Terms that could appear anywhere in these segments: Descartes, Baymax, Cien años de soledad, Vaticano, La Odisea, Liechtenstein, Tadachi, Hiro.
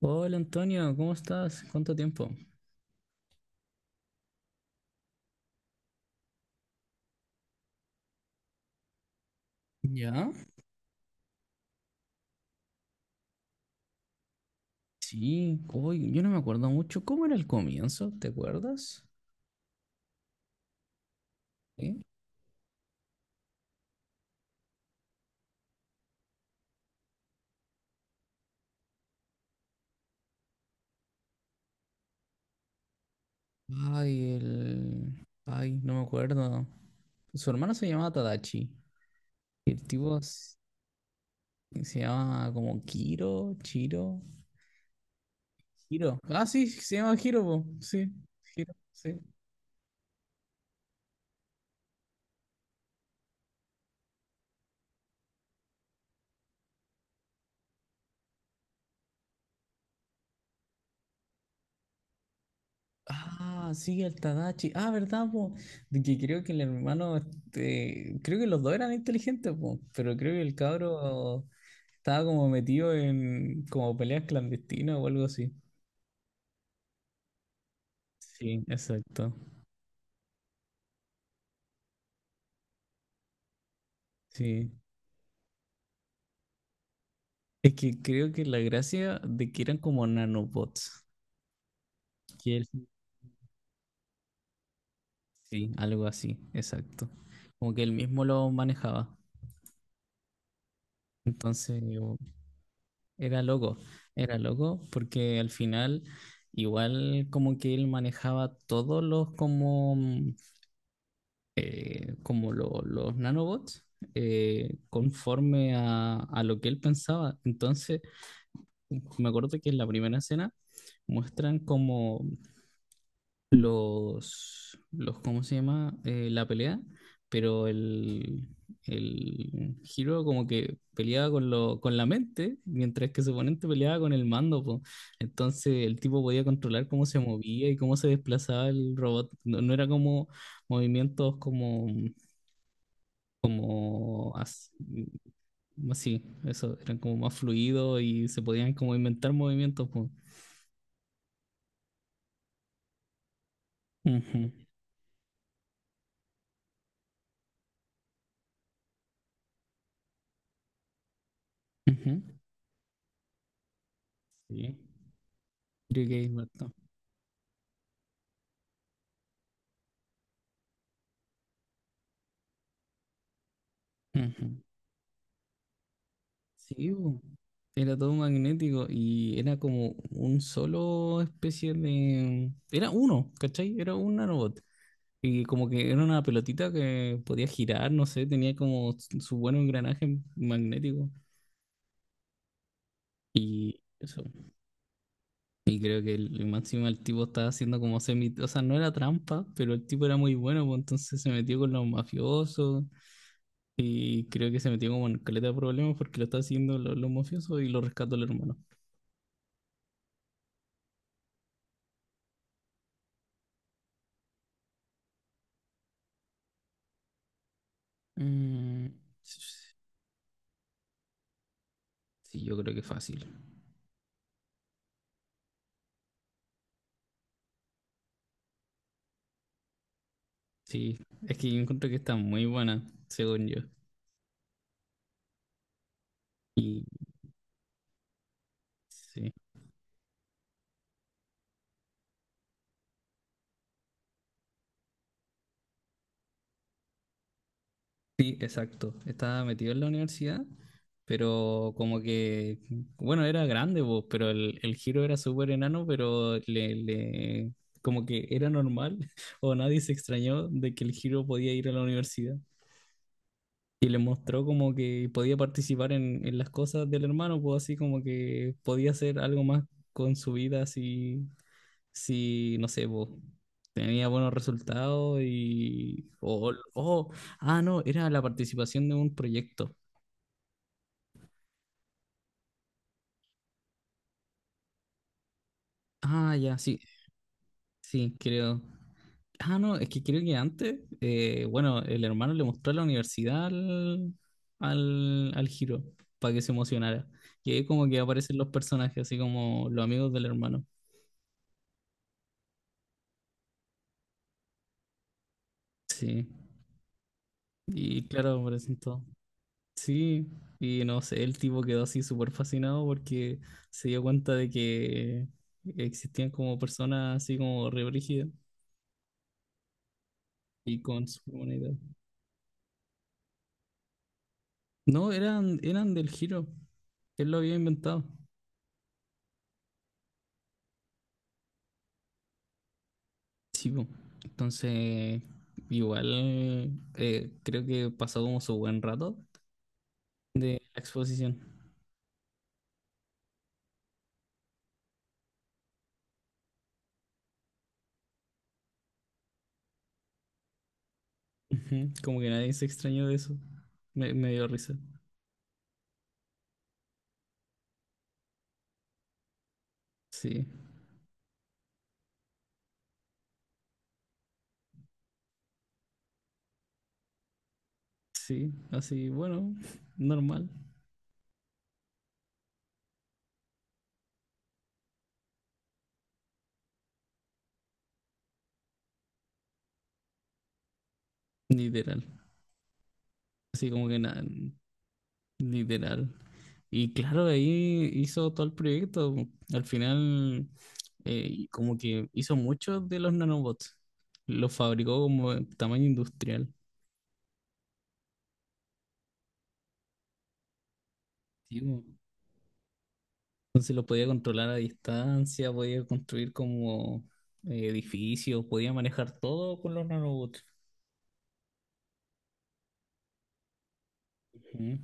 Hola Antonio, ¿cómo estás? ¿Cuánto tiempo? ¿Ya? Sí, uy, yo no me acuerdo mucho. ¿Cómo era el comienzo? ¿Te acuerdas? ¿Eh? Ay, no me acuerdo. Su hermano se llamaba Tadachi. Y el tipo se llamaba como Kiro, Chiro, Hiro. Ah, sí, se llama Hiro, po. Sí, Hiro, sí. Ah, sí, el Tadachi. Ah, ¿verdad, po? De que creo que el hermano, creo que los dos eran inteligentes, po, pero creo que el cabro estaba como metido en como peleas clandestinas o algo así. Sí, exacto. Sí. Es que creo que la gracia de que eran como nanobots. Que él, sí, algo así, exacto. Como que él mismo lo manejaba. Entonces, era loco, era loco, porque al final, igual como que él manejaba todos los como, como los nanobots conforme a lo que él pensaba. Entonces, me acuerdo que en la primera escena muestran como los ¿cómo se llama? La pelea, pero el Hiro como que peleaba con con la mente, mientras que su oponente peleaba con el mando, po. Entonces el tipo podía controlar cómo se movía y cómo se desplazaba el robot. No, no era como movimientos como así, eso, eran como más fluidos y se podían como inventar movimientos, po. Ujú. Ujú. Sí. Creo que es verdad. Ujú. Sí, bu. Era todo magnético y era como un solo especie de... Era uno, ¿cachai? Era un nanobot. Y como que era una pelotita que podía girar, no sé, tenía como su buen engranaje magnético. Y eso. Y creo que el máximo el tipo estaba haciendo como semi. O sea, no era trampa, pero el tipo era muy bueno, pues entonces se metió con los mafiosos. Y creo que se metió como en caleta de problemas porque lo está haciendo los mafiosos y lo rescató el hermano. Mm, sí, yo creo que fácil. Sí, es que yo encuentro que está muy buena, según yo. Y sí, sí, exacto. Estaba metido en la universidad, pero como que, bueno, era grande, vos, pero el giro era súper enano, pero le, como que era normal o nadie se extrañó de que el giro podía ir a la universidad. Y le mostró como que podía participar en las cosas del hermano, pues así como que podía hacer algo más con su vida si, si no sé, pues, tenía buenos resultados. Ah, no, era la participación de un proyecto. Ah, ya, sí, sí, creo. Ah, no, es que creo que antes, bueno, el hermano le mostró a la universidad al Hiro para que se emocionara. Y ahí como que aparecen los personajes, así como los amigos del hermano. Sí, y claro, aparecen todos. Sí, y no sé, el tipo quedó así súper fascinado porque se dio cuenta de que existían como personas así como re brígidas y con superhumanidad. No, eran del giro. Él lo había inventado. Sí, po. Entonces, igual, creo que pasó como su buen rato de la exposición. Ujú. Como que nadie se extrañó de eso. Me dio risa. Sí. Sí, así, bueno, normal, literal. Así como que nada, literal. Y claro, ahí hizo todo el proyecto. Al final, y como que hizo muchos de los nanobots. Los fabricó como en tamaño industrial. Sí, bo. Entonces los podía controlar a distancia, podía construir como edificios, podía manejar todo con los nanobots. Ujú.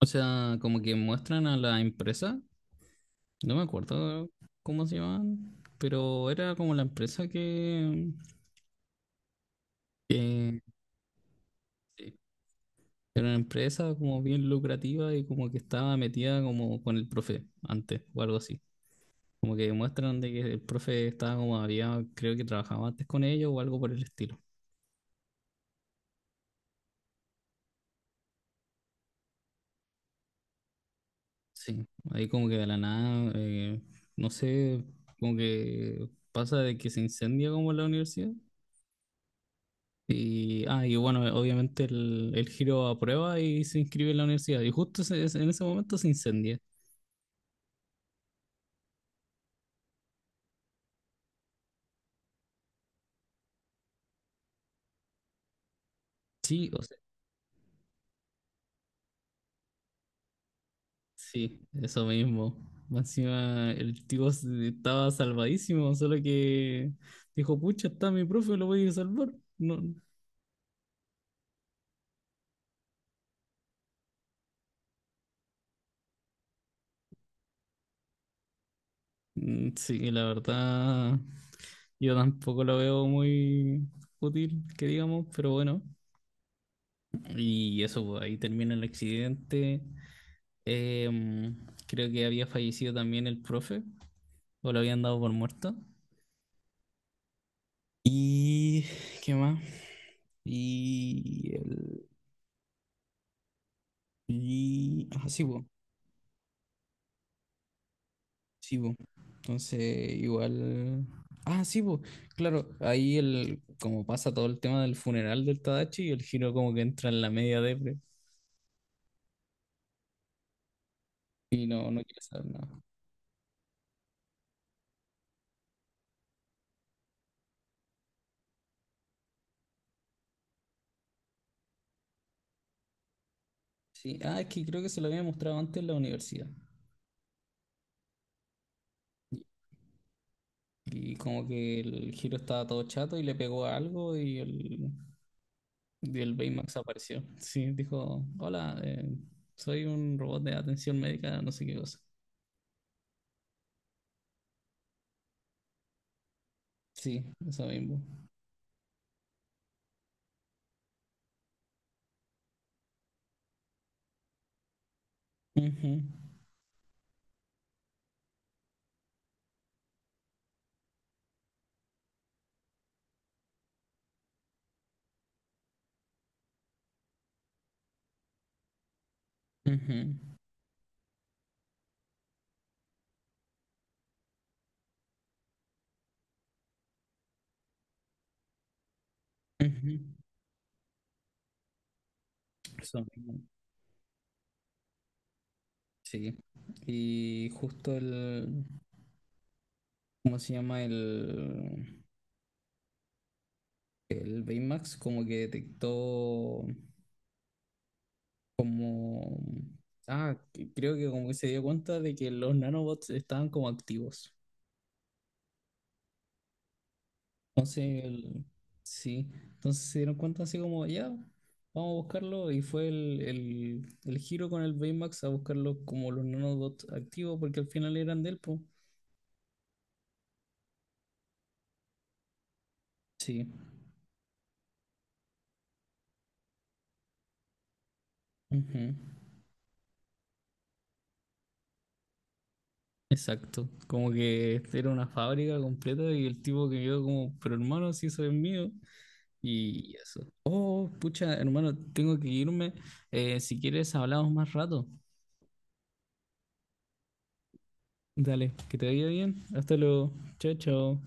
O sea, como que muestran a la empresa. No me acuerdo cómo se llamaban, pero era como la empresa que, que- sí, era una empresa como bien lucrativa y como que estaba metida como con el profe antes o algo así. Como que demuestran de que el profe estaba como había, creo que trabajaba antes con ellos o algo por el estilo. Sí, ahí como que de la nada, no sé, como que pasa de que se incendia como la universidad. Y bueno, obviamente el giro aprueba y se inscribe en la universidad. Y justo en ese momento se incendia. Sí, o sea, sí, eso mismo. Más encima el tipo estaba salvadísimo, solo que dijo, pucha, está mi profe, lo voy a ir a salvar. No, sí, la verdad, yo tampoco lo veo muy útil, que digamos, pero bueno. Y eso, pues, ahí termina el accidente. Em, Creo que había fallecido también el profe. ¿O lo habían dado por muerto? Y... ¿Qué más? Y... El, Ah, sí, po, sí, po. Entonces, igual. Ah, sí, po, claro, ahí como pasa todo el tema del funeral del Tadachi y el giro como que entra en la media depre y no quiere saber nada. Sí, ah, es que creo que se lo había mostrado antes en la universidad. Y como que el giro estaba todo chato y le pegó a algo. Y el Baymax apareció. Sí, dijo, hola, soy un robot de atención médica, no sé qué cosa. Sí, eso mismo. Ujú, ujú, ujú. Eso mismo. Sí. Y justo ¿cómo se llama? El Baymax como que detectó como. Ah, creo que como que se dio cuenta de que los nanobots estaban como activos. Entonces, sí, entonces se dieron cuenta así como, ya, vamos a buscarlo, y fue el giro con el Baymax a buscarlo como los nanobots activos, porque al final eran del po. Sí, ujú. Exacto, como que era una fábrica completa y el tipo que quedó como, pero hermano, si eso es mío, y eso. Oh, pucha, hermano, tengo que irme, si quieres hablamos más rato. Dale, que te vaya bien, hasta luego, chao, chao.